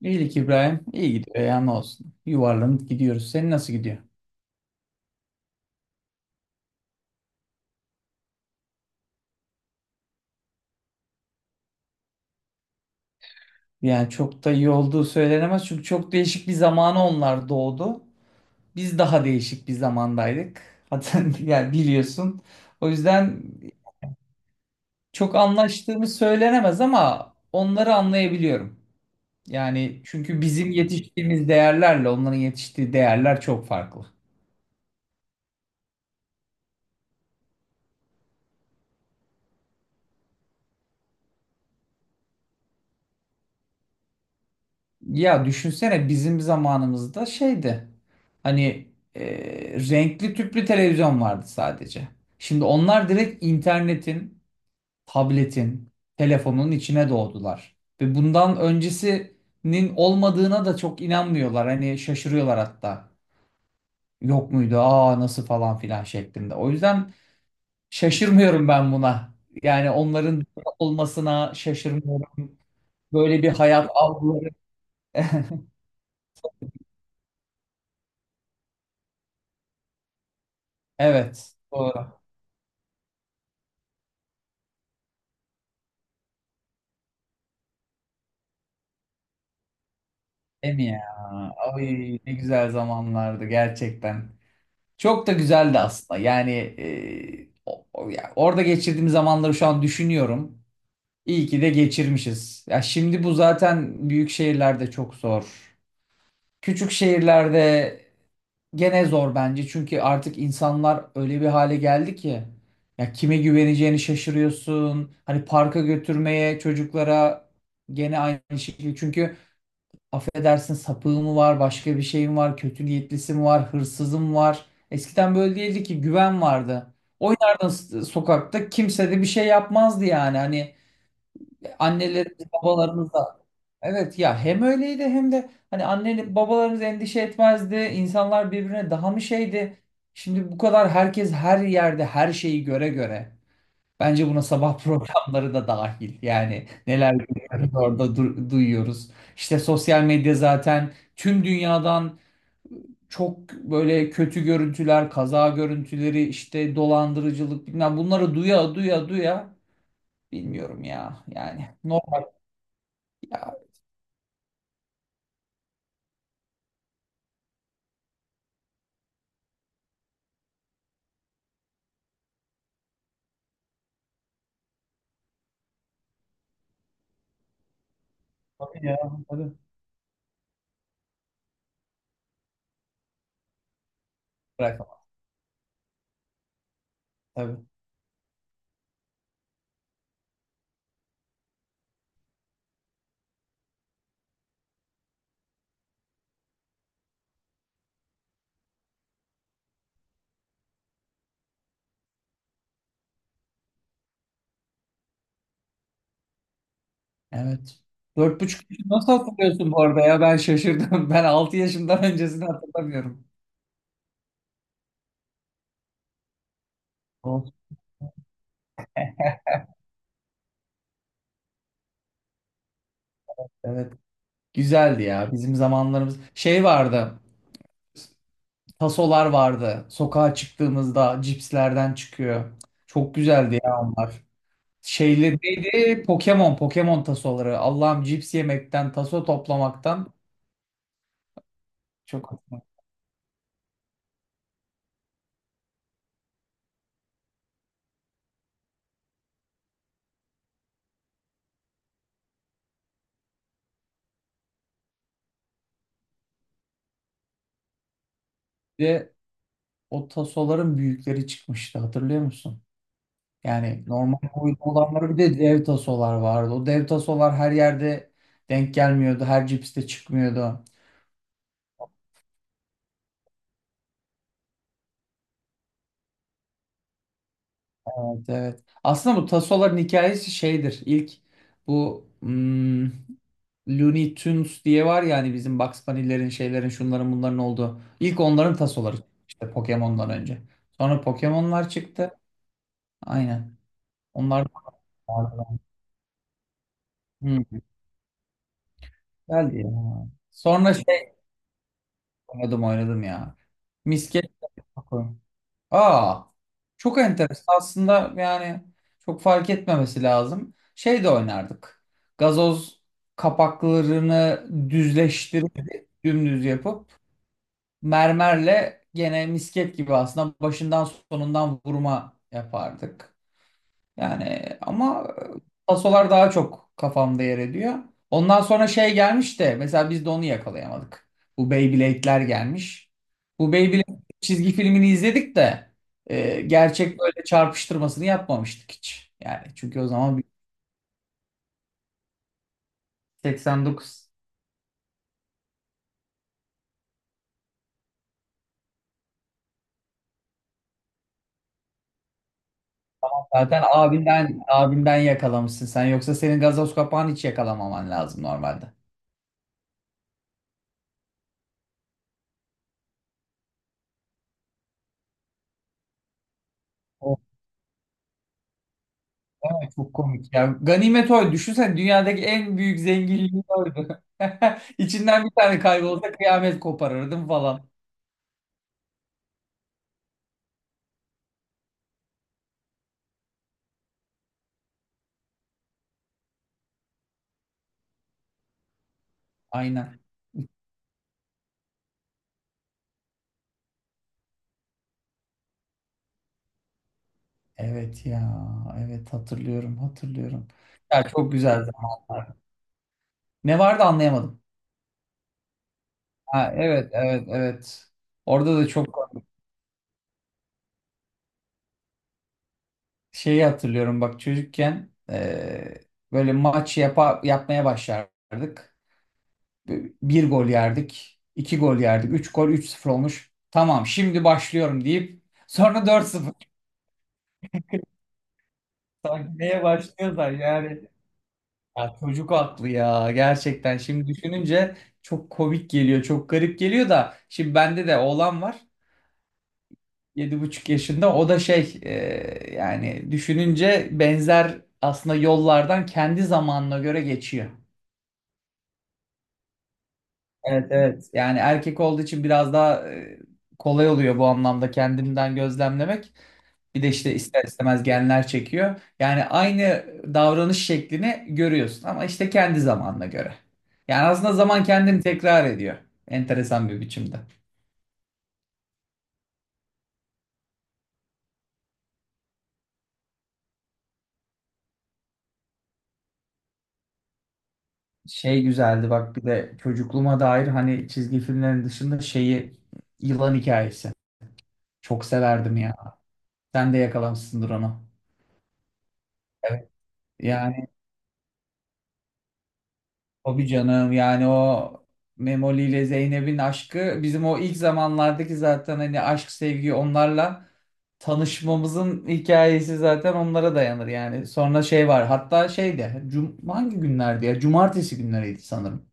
İyilik İbrahim. İyi gidiyor ya, ne olsun. Yuvarlanıp gidiyoruz. Senin nasıl gidiyor? Yani çok da iyi olduğu söylenemez. Çünkü çok değişik bir zamana onlar doğdu. Biz daha değişik bir zamandaydık. Hatta yani biliyorsun. O yüzden çok anlaştığımız söylenemez ama onları anlayabiliyorum. Yani çünkü bizim yetiştiğimiz değerlerle onların yetiştiği değerler çok farklı. Ya düşünsene, bizim zamanımızda şeydi. Hani e, renkli tüplü televizyon vardı sadece. Şimdi onlar direkt internetin, tabletin, telefonun içine doğdular. Ve bundan öncesinin olmadığına da çok inanmıyorlar. Hani şaşırıyorlar hatta. Yok muydu? Aa nasıl falan filan şeklinde. O yüzden şaşırmıyorum ben buna. Yani onların olmasına şaşırmıyorum. Böyle bir hayat algıları. Evet. Doğru. Değil mi ya? Ay, ne güzel zamanlardı gerçekten. Çok da güzeldi aslında. Yani ya orada geçirdiğim zamanları şu an düşünüyorum. İyi ki de geçirmişiz. Ya şimdi bu zaten büyük şehirlerde çok zor. Küçük şehirlerde gene zor bence. Çünkü artık insanlar öyle bir hale geldi ki ya kime güveneceğini şaşırıyorsun. Hani parka götürmeye çocuklara gene aynı şekilde. Çünkü affedersin, sapığı mı var, başka bir şey mi var, kötü niyetlisi mi var, hırsızı mı var? Eskiden böyle değildi ki, güven vardı. Oynardın sokakta, kimse de bir şey yapmazdı yani. Hani annelerimiz, babalarımız da evet ya, hem öyleydi hem de hani anne babalarımız endişe etmezdi. İnsanlar birbirine daha mı şeydi? Şimdi bu kadar herkes her yerde her şeyi göre göre. Bence buna sabah programları da dahil. Yani neler görüyoruz orada, duyuyoruz. İşte sosyal medya zaten tüm dünyadan çok böyle kötü görüntüler, kaza görüntüleri, işte dolandırıcılık bilmem, bunları duya duya duya bilmiyorum ya. Yani normal ya. Tabii ya. Tabii. Bırakamam. Tabii. Evet. Dört buçuk yaşı nasıl hatırlıyorsun bu arada ya? Ben şaşırdım. Ben altı yaşımdan öncesini hatırlamıyorum. Of. Evet. Güzeldi ya bizim zamanlarımız. Şey vardı. Tasolar vardı. Sokağa çıktığımızda cipslerden çıkıyor. Çok güzeldi ya onlar. Şeyli neydi? Pokemon, Pokemon tasoları. Allah'ım, cips yemekten, taso toplamaktan çok hoşuma. Bir de o tasoların büyükleri çıkmıştı, hatırlıyor musun? Yani normal boyda olanları, bir de dev tasolar vardı. O dev tasolar her yerde denk gelmiyordu. Her cipste çıkmıyordu. Evet, evet. Aslında bu tasoların hikayesi şeydir. İlk bu Looney Tunes diye var ya, hani bizim Bugs Bunny'lerin, şeylerin, şunların bunların olduğu. İlk onların tasoları çıktı işte, Pokemon'dan önce. Sonra Pokemon'lar çıktı. Aynen. Onlar da vardı. Hı, güzeldi ya. Sonra şey, oynadım ya. Misket. Aa, çok enteresan. Aslında yani çok fark etmemesi lazım. Şey de oynardık. Gazoz kapaklarını düzleştirip dümdüz yapıp mermerle gene misket gibi aslında başından sonundan vurma yapardık. Yani ama pasolar daha çok kafamda yer ediyor. Ondan sonra şey gelmiş de, mesela biz de onu yakalayamadık. Bu Beyblade'ler gelmiş. Bu Beyblade çizgi filmini izledik de gerçek böyle çarpıştırmasını yapmamıştık hiç. Yani çünkü o zaman bir 89 zaten abinden yakalamışsın sen, yoksa senin gazoz kapağını hiç yakalamaman lazım normalde. Ay, çok komik ya. Ganimet oydu. Düşünsene, dünyadaki en büyük zenginliği oydu. İçinden bir tane kaybolsa kıyamet koparırdım falan. Aynen. Evet ya. Evet, hatırlıyorum. Ya çok güzel zamanlar. Ne vardı, anlayamadım. Ha, evet evet evet. Orada da çok şeyi hatırlıyorum bak, çocukken böyle yapmaya başlardık. Bir gol yerdik, iki gol yerdik, üç gol, üç sıfır olmuş. Tamam, şimdi başlıyorum deyip sonra dört sıfır. Sanki neye başlıyorsan yani. Ya çocuk aklı ya, gerçekten şimdi düşününce çok komik geliyor, çok garip geliyor da şimdi bende de oğlan var. Yedi buçuk yaşında, o da şey, yani düşününce benzer aslında, yollardan kendi zamanına göre geçiyor. Evet evet. Yani erkek olduğu için biraz daha kolay oluyor bu anlamda, kendimden gözlemlemek. Bir de işte ister istemez genler çekiyor. Yani aynı davranış şeklini görüyorsun ama işte kendi zamanına göre. Yani aslında zaman kendini tekrar ediyor. Enteresan bir biçimde. Şey güzeldi bak, bir de çocukluğuma dair, hani çizgi filmlerin dışında şeyi, Yılan Hikayesi. Çok severdim ya. Sen de yakalamışsındır onu. Evet. Yani tabii canım, yani o Memoli ile Zeynep'in aşkı bizim o ilk zamanlardaki, zaten hani aşk sevgi onlarla tanışmamızın hikayesi zaten onlara dayanır yani. Sonra şey var hatta, şeyde cum, hangi günlerdi ya, cumartesi günleriydi sanırım.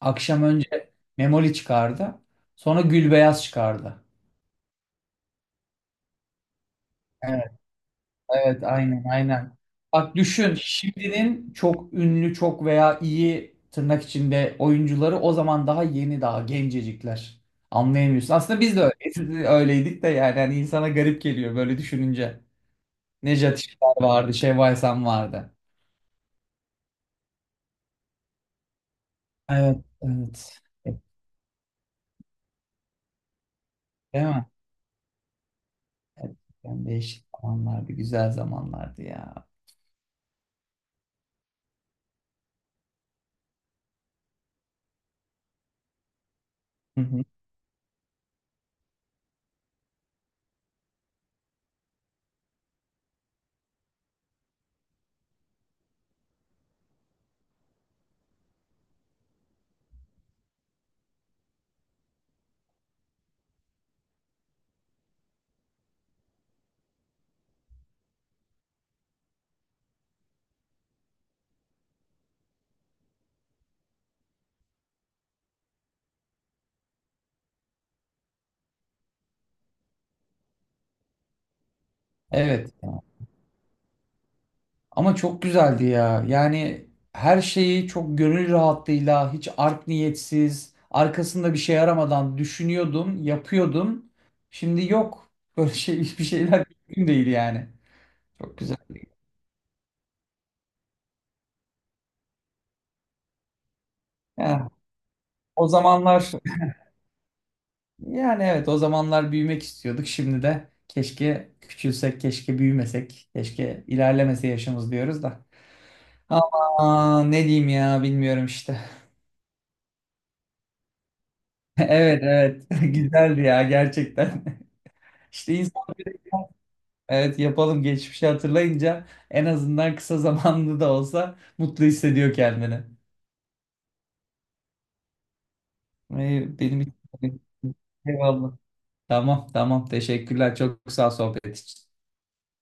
Akşam önce Memoli çıkardı, sonra Gülbeyaz çıkardı. Evet, aynen aynen. Bak düşün, şimdinin çok ünlü, çok veya iyi tırnak içinde oyuncuları o zaman daha yeni, daha gencecikler. Anlayamıyorsun. Aslında biz de öyleyiz. Biz de öyleydik de yani, hani insana garip geliyor böyle düşününce. Nejat İşler vardı, Şevval Sam vardı. Evet, evet. Değil mi? Evet, yani değişik zamanlardı, güzel zamanlardı ya. Hı hı. Evet. Ama çok güzeldi ya. Yani her şeyi çok gönül rahatlığıyla, hiç art niyetsiz, arkasında bir şey aramadan düşünüyordum, yapıyordum. Şimdi yok. Böyle şey, hiçbir şeyler mümkün değil yani. Çok güzeldi. Ya, o zamanlar yani evet, o zamanlar büyümek istiyorduk. Şimdi de keşke küçülsek, keşke büyümesek, keşke ilerlemese yaşımız diyoruz da. Ama ne diyeyim ya, bilmiyorum işte. Evet evet, güzeldi ya gerçekten. İşte insan. Evet, yapalım. Geçmişi hatırlayınca en azından kısa zamanlı da olsa mutlu hissediyor kendini. Benim için eyvallah. Tamam tamam, teşekkürler. Çok sağ ol sohbet için.